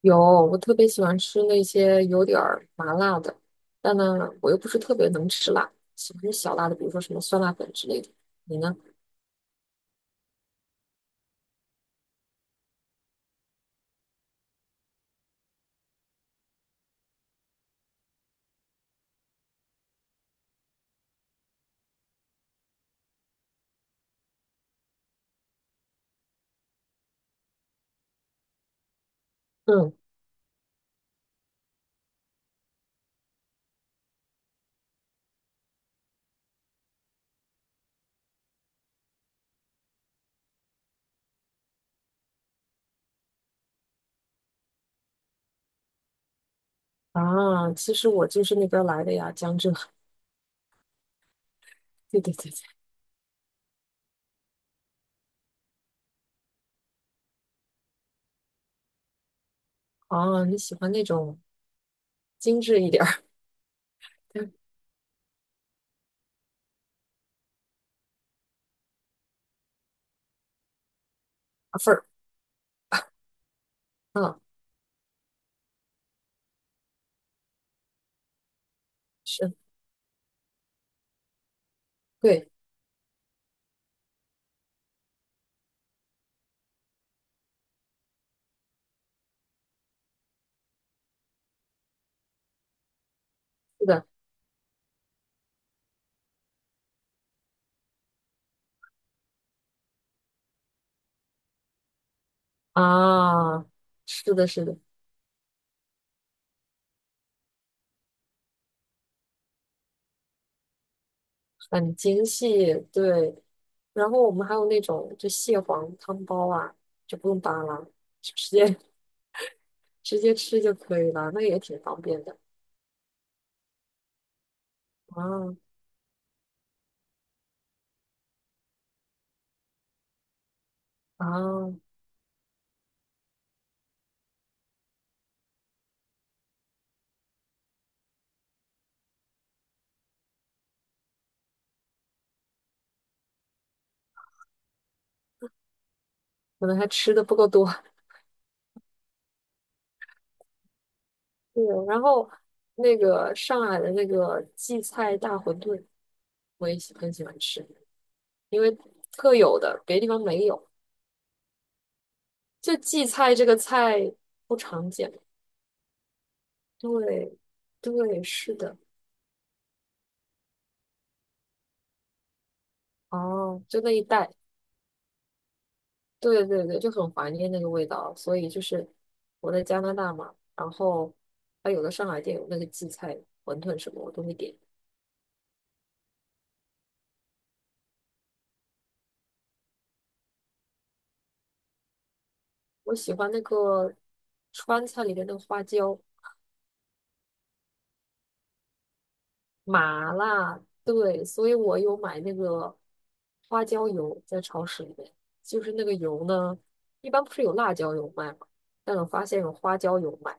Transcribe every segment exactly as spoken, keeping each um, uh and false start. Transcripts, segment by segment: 有，我特别喜欢吃那些有点儿麻辣的，但呢，我又不是特别能吃辣，喜欢吃小辣的，比如说什么酸辣粉之类的。你呢？嗯，啊，其实我就是那边儿来的呀，江浙。对对对对。哦，你喜欢那种精致一点儿，麻份儿。嗯，是，对，是的，啊，是的，是的，很精细。对，然后我们还有那种就蟹黄汤包啊，就不用扒拉，直接直接吃就可以了，那也挺方便的。啊啊，可能还吃的不够多。对，然后那个上海的那个荠菜大馄饨，我也喜很喜欢吃，因为特有的，别的地方没有。就荠菜这个菜不常见。对，对，是的。哦，就那一带，对对对，就很怀念那个味道。所以就是我在加拿大嘛，然后它有的上海店有那个荠菜馄饨什么，我都会点。我喜欢那个川菜里面的花椒麻辣，对，所以我有买那个花椒油在超市里面。就是那个油呢，一般不是有辣椒油卖吗？但我发现有花椒油卖，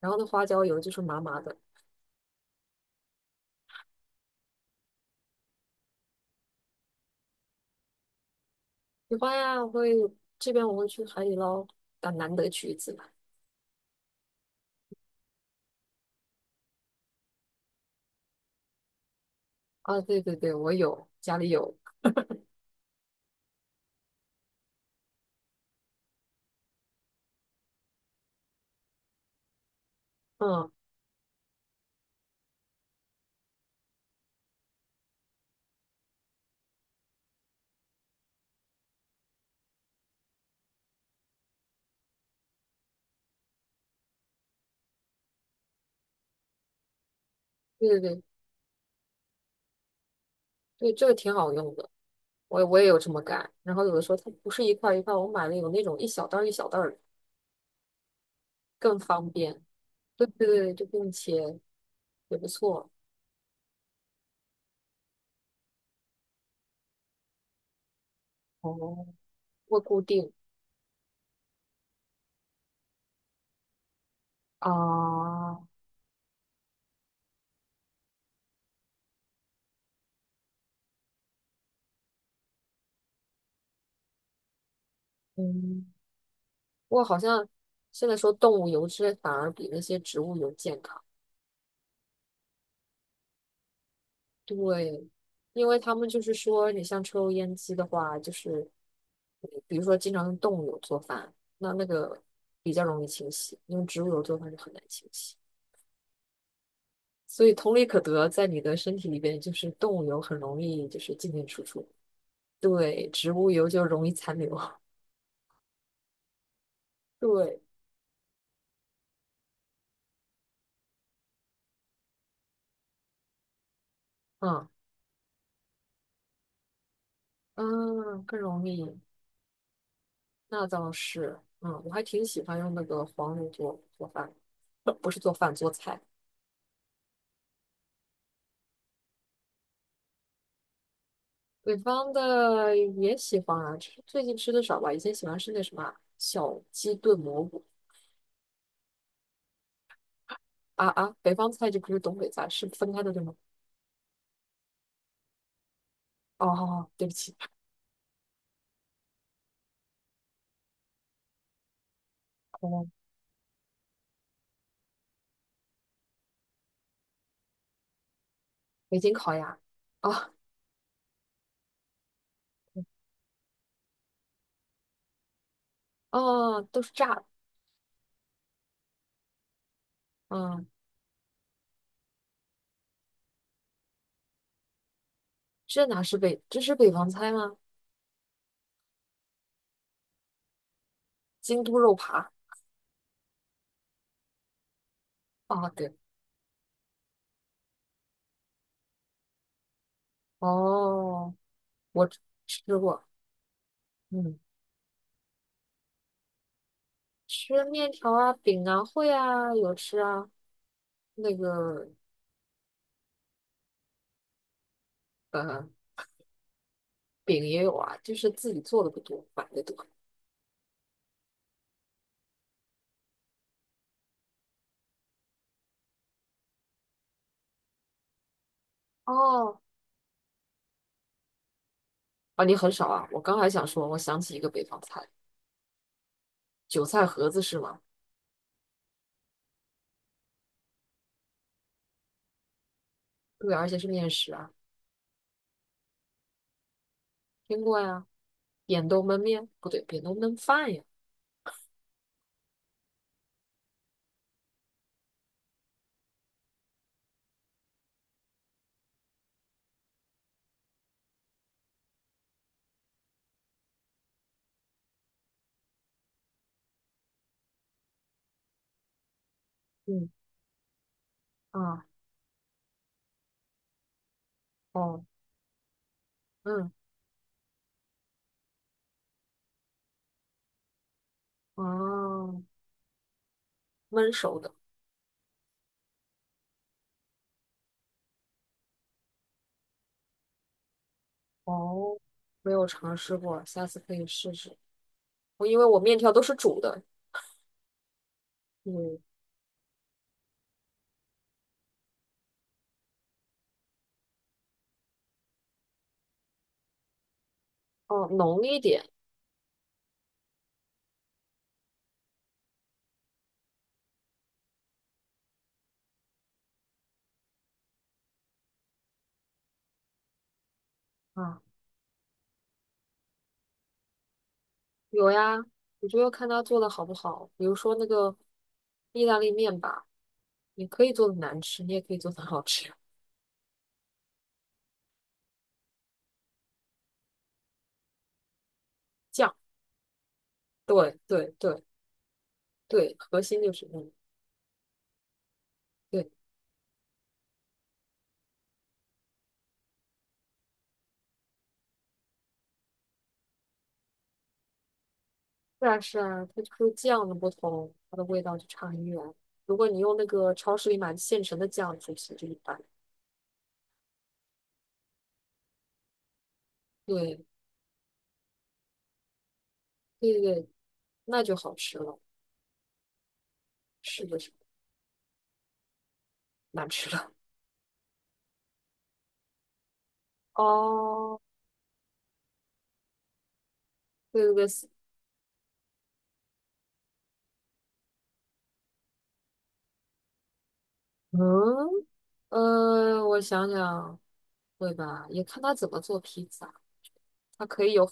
然后那花椒油就是麻麻的。喜欢呀，我会这边我会去海底捞，但难得去一次吧。啊，对对对，我有，家里有。嗯，对对对对，这个挺好用的。我我也有这么干。然后有的时候它不是一块儿一块儿我买了有那种一小袋儿一小袋儿的，更方便。对对对，就不用切，也不错。哦，会固定啊，嗯，不过好像现在说动物油脂反而比那些植物油健康，对，因为他们就是说，你像抽油烟机的话，就是嗯比如说经常用动物油做饭，那那个比较容易清洗，用植物油做饭就很难清洗。所以同理可得，在你的身体里边，就是动物油很容易就是进进出出，对，植物油就容易残留，对，嗯嗯，更容易，那倒是，嗯，我还挺喜欢用那个黄油做做饭，不不是做饭做菜，北方的也喜欢啊，吃最近吃的少吧，以前喜欢吃那什么啊小鸡炖蘑菇啊啊，北方菜就不是东北菜，是分开的对吗？哦，对不起，哦，北京烤鸭。啊。哦，都是炸的，嗯，这哪是北，这是北方菜吗？京都肉扒啊，对，哦，我吃吃过，嗯，吃面条啊、饼啊、会啊，有吃啊，那个呃，饼也有啊，就是自己做的不多，买的多。哦，啊，你很少啊，我刚还想说，我想起一个北方菜，韭菜盒子是吗？对，而且是面食啊，听过呀，扁豆焖面，不对，扁豆焖饭呀，嗯啊，哦，嗯，哦，焖熟的。哦，没有尝试过，下次可以试试。我因为我面条都是煮的，嗯，哦，浓一点啊，有呀，我就要看他做的好不好。比如说那个意大利面吧，你可以做的难吃，你也可以做的好吃。酱，对对对对，核心就是嗯，对，是啊是啊，它就是酱的不同，它的味道就差很远。如果你用那个超市里买的现成的酱煮其实就一般，对对对，那就好吃了。是的。哪儿去了？哦，对对对，嗯，呃，我想想，会吧，也看他怎么做披萨。它可以有，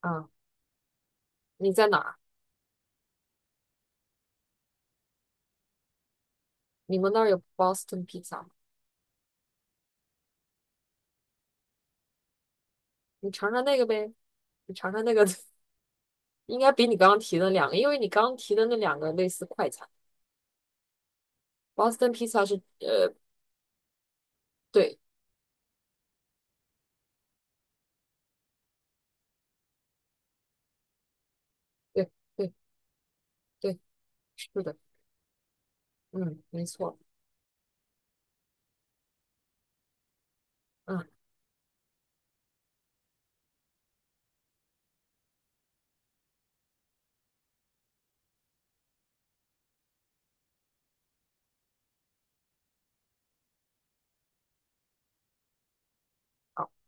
啊，你在哪儿？你们那儿有 Boston pizza 吗？你尝尝那个呗，你尝尝那个，应该比你刚刚提的两个，因为你刚刚提的那两个类似快餐，Boston pizza 是，呃，对对对对，是的，嗯，没错，嗯。好。